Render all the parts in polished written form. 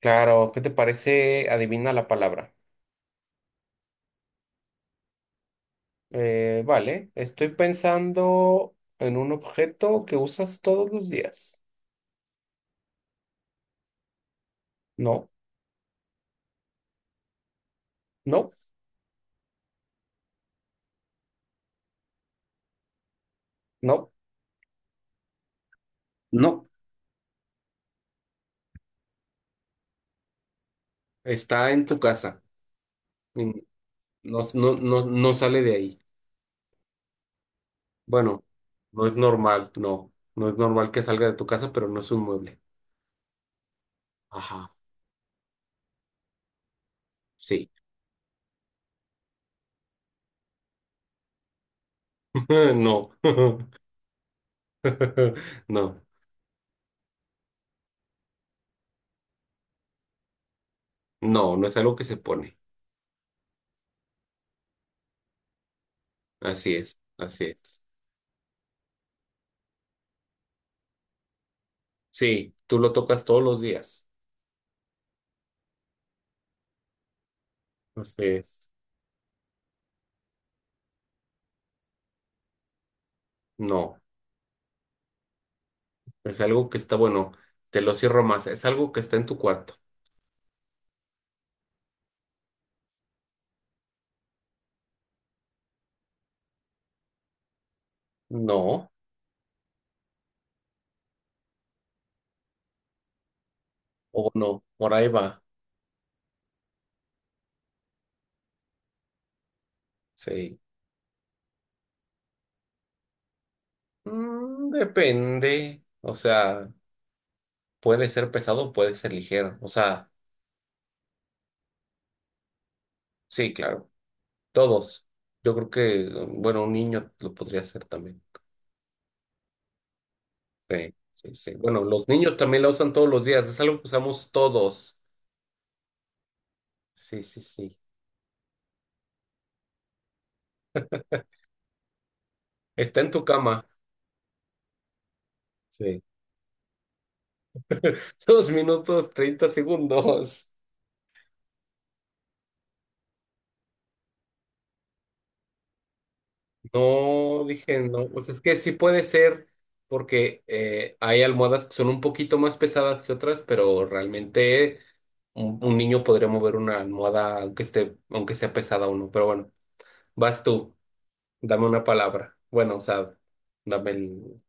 Claro, ¿qué te parece? Adivina la palabra. Vale, estoy pensando en un objeto que usas todos los días. No, no, no, no. Está en tu casa. Mm, no, no, no, no sale de ahí. Bueno, no es normal, no. No es normal que salga de tu casa, pero no es un mueble. Ajá, sí. No. No, no, no es algo que se pone. Así es, así es. Sí, tú lo tocas todos los días. Entonces, no, es algo que está, bueno, te lo cierro más, es algo que está en tu cuarto. No, o no, por ahí va. Sí. Depende, o sea, puede ser pesado, puede ser ligero, o sea, sí, claro, todos. Yo creo que, bueno, un niño lo podría hacer también. Sí, sí, sí. Bueno, los niños también la usan todos los días, es algo que usamos todos. Sí, sí, sí. Está en tu cama. Sí. 2 minutos, 30 segundos. No, dije, no, pues es que sí puede ser, porque hay almohadas que son un poquito más pesadas que otras, pero realmente un niño podría mover una almohada aunque esté, aunque sea pesada o no. Pero bueno, vas tú, dame una palabra. Bueno, o sea, dame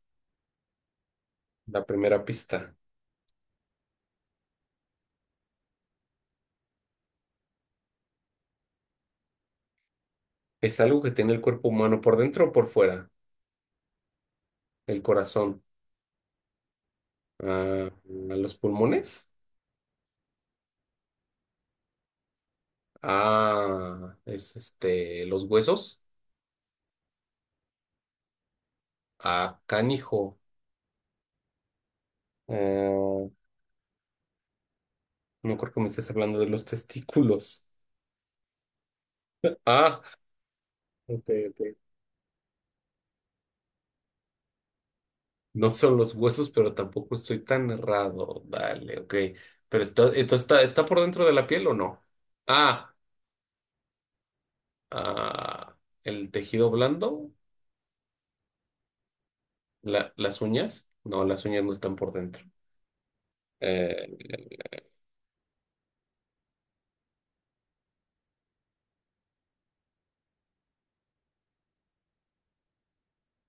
la primera pista. Es algo que tiene el cuerpo humano por dentro o por fuera, el corazón, ah, los pulmones, ah, es este, los huesos, ah, canijo. Ah, no creo que me estés hablando de los testículos. Ah, ok, ok. No son los huesos, pero tampoco estoy tan errado. Dale, ok. Pero está, esto está, ¿está por dentro de la piel o no? Ah, ah, el tejido blando, las uñas. No, las uñas no están por dentro. Eh,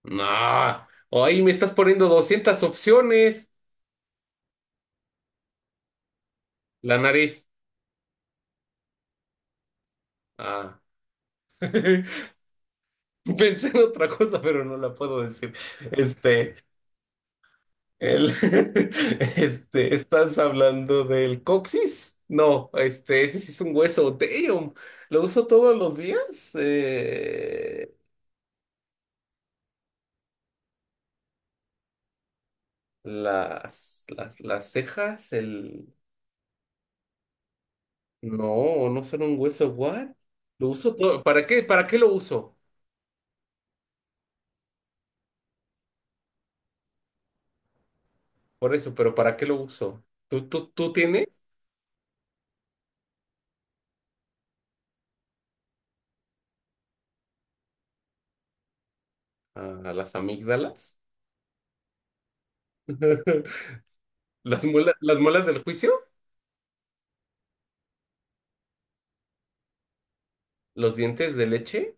no. Ay, me estás poniendo 200 opciones. La nariz. Ah. Pensé en otra cosa, pero no la puedo decir. Este. El, este, ¿estás hablando del coxis? No, este, ese sí es un hueso. Damn, lo uso todos los días. Las cejas, el... No, no son un hueso. What? Lo uso todo. ¿Para qué? ¿Para qué lo uso? Por eso, pero ¿para qué lo uso? ¿Tú tienes? Ah, las amígdalas. Las muelas del juicio. Los dientes de leche.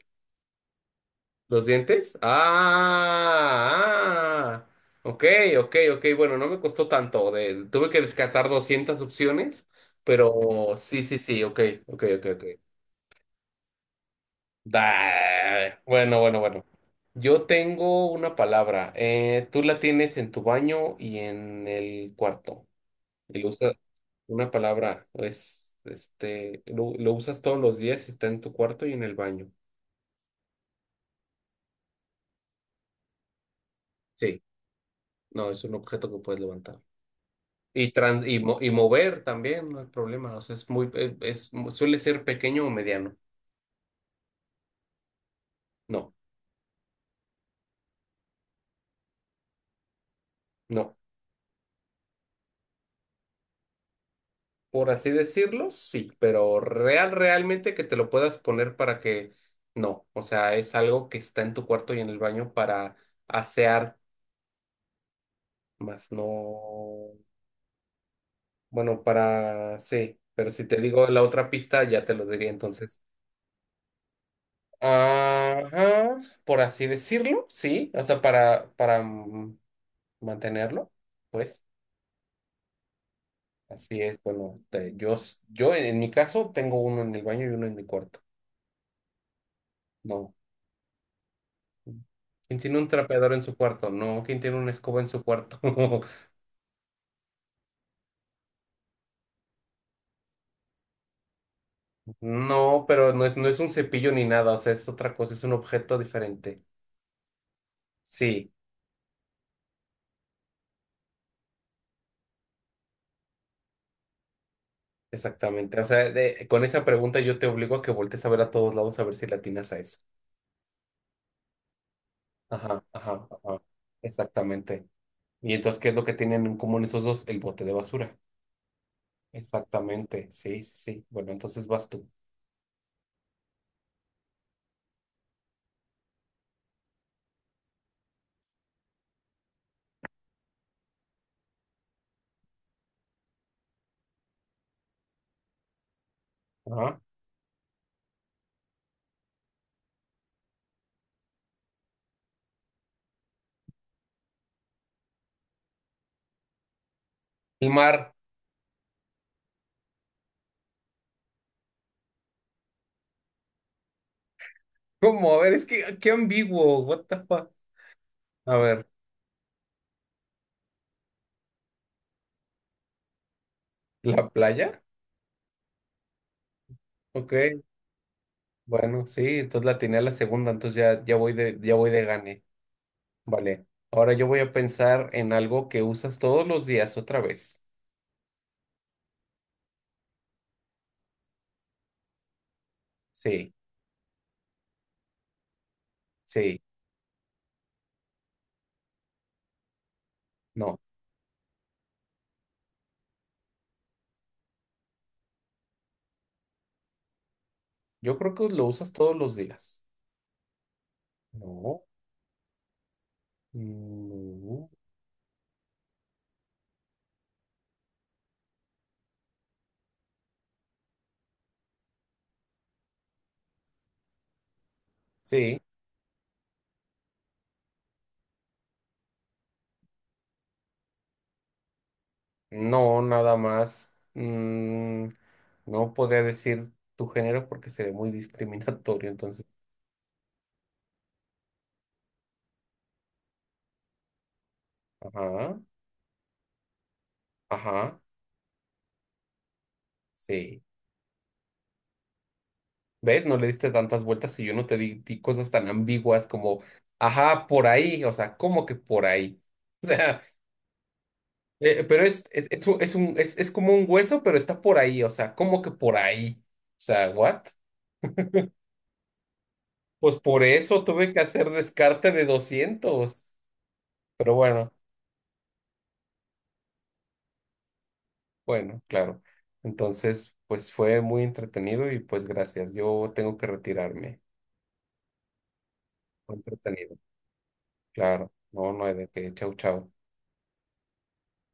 ¿Los dientes? Ah, ah. Ok, ok, ok. Bueno, no me costó tanto. Tuve que descartar 200 opciones, pero sí, sí, sí. Ok, ok, ok, ok. Bueno, bueno, bueno. Yo tengo una palabra. Tú la tienes en tu baño y en el cuarto. Y lo usas, una palabra, es, este, lo usas todos los días y está en tu cuarto y en el baño. Sí, no, es un objeto que puedes levantar. Y mover también, no hay problema. O sea, es muy, es, suele ser pequeño o mediano. No, no. Por así decirlo, sí, pero realmente que te lo puedas poner para que no. O sea, es algo que está en tu cuarto y en el baño para asear, más no. Bueno, para sí, pero si te digo la otra pista, ya te lo diría entonces. Ajá, por así decirlo, sí. O sea, para mantenerlo, pues. Así es, bueno, yo en mi caso tengo uno en el baño y uno en mi cuarto. No. ¿Quién tiene un trapeador en su cuarto? No. ¿Quién tiene una escoba en su cuarto? No, pero no es, un cepillo ni nada, o sea, es otra cosa, es un objeto diferente. Sí, exactamente. O sea, con esa pregunta yo te obligo a que voltees a ver a todos lados a ver si le atinas a eso. Ajá, ajá, ajá. Exactamente. Y entonces, ¿qué es lo que tienen en común esos dos? El bote de basura. Exactamente, sí, sí, sí. Bueno, entonces vas tú. Ajá. El mar. ¿Cómo? A ver, es que qué ambiguo. What the fuck? A ver, ¿la playa? Ok, bueno, sí, entonces la tenía la segunda, entonces ya, ya voy de gane. Vale. Ahora yo voy a pensar en algo que usas todos los días otra vez. Sí, sí, no. Yo creo que lo usas todos los días. No. No. Sí, no, nada más. No podría decir tu género porque sería muy discriminatorio, entonces. Ajá, ajá. Sí. ¿Ves? No le diste tantas vueltas y yo no te di cosas tan ambiguas como, ajá, por ahí, o sea, ¿cómo que por ahí? O sea, pero es como un hueso, pero está por ahí, o sea, ¿cómo que por ahí? O sea, ¿what? Pues por eso tuve que hacer descarte de 200, pero bueno, bueno, claro. Entonces, pues fue muy entretenido y pues gracias, yo tengo que retirarme. Fue entretenido, claro. No, no hay de qué. Chau, chau.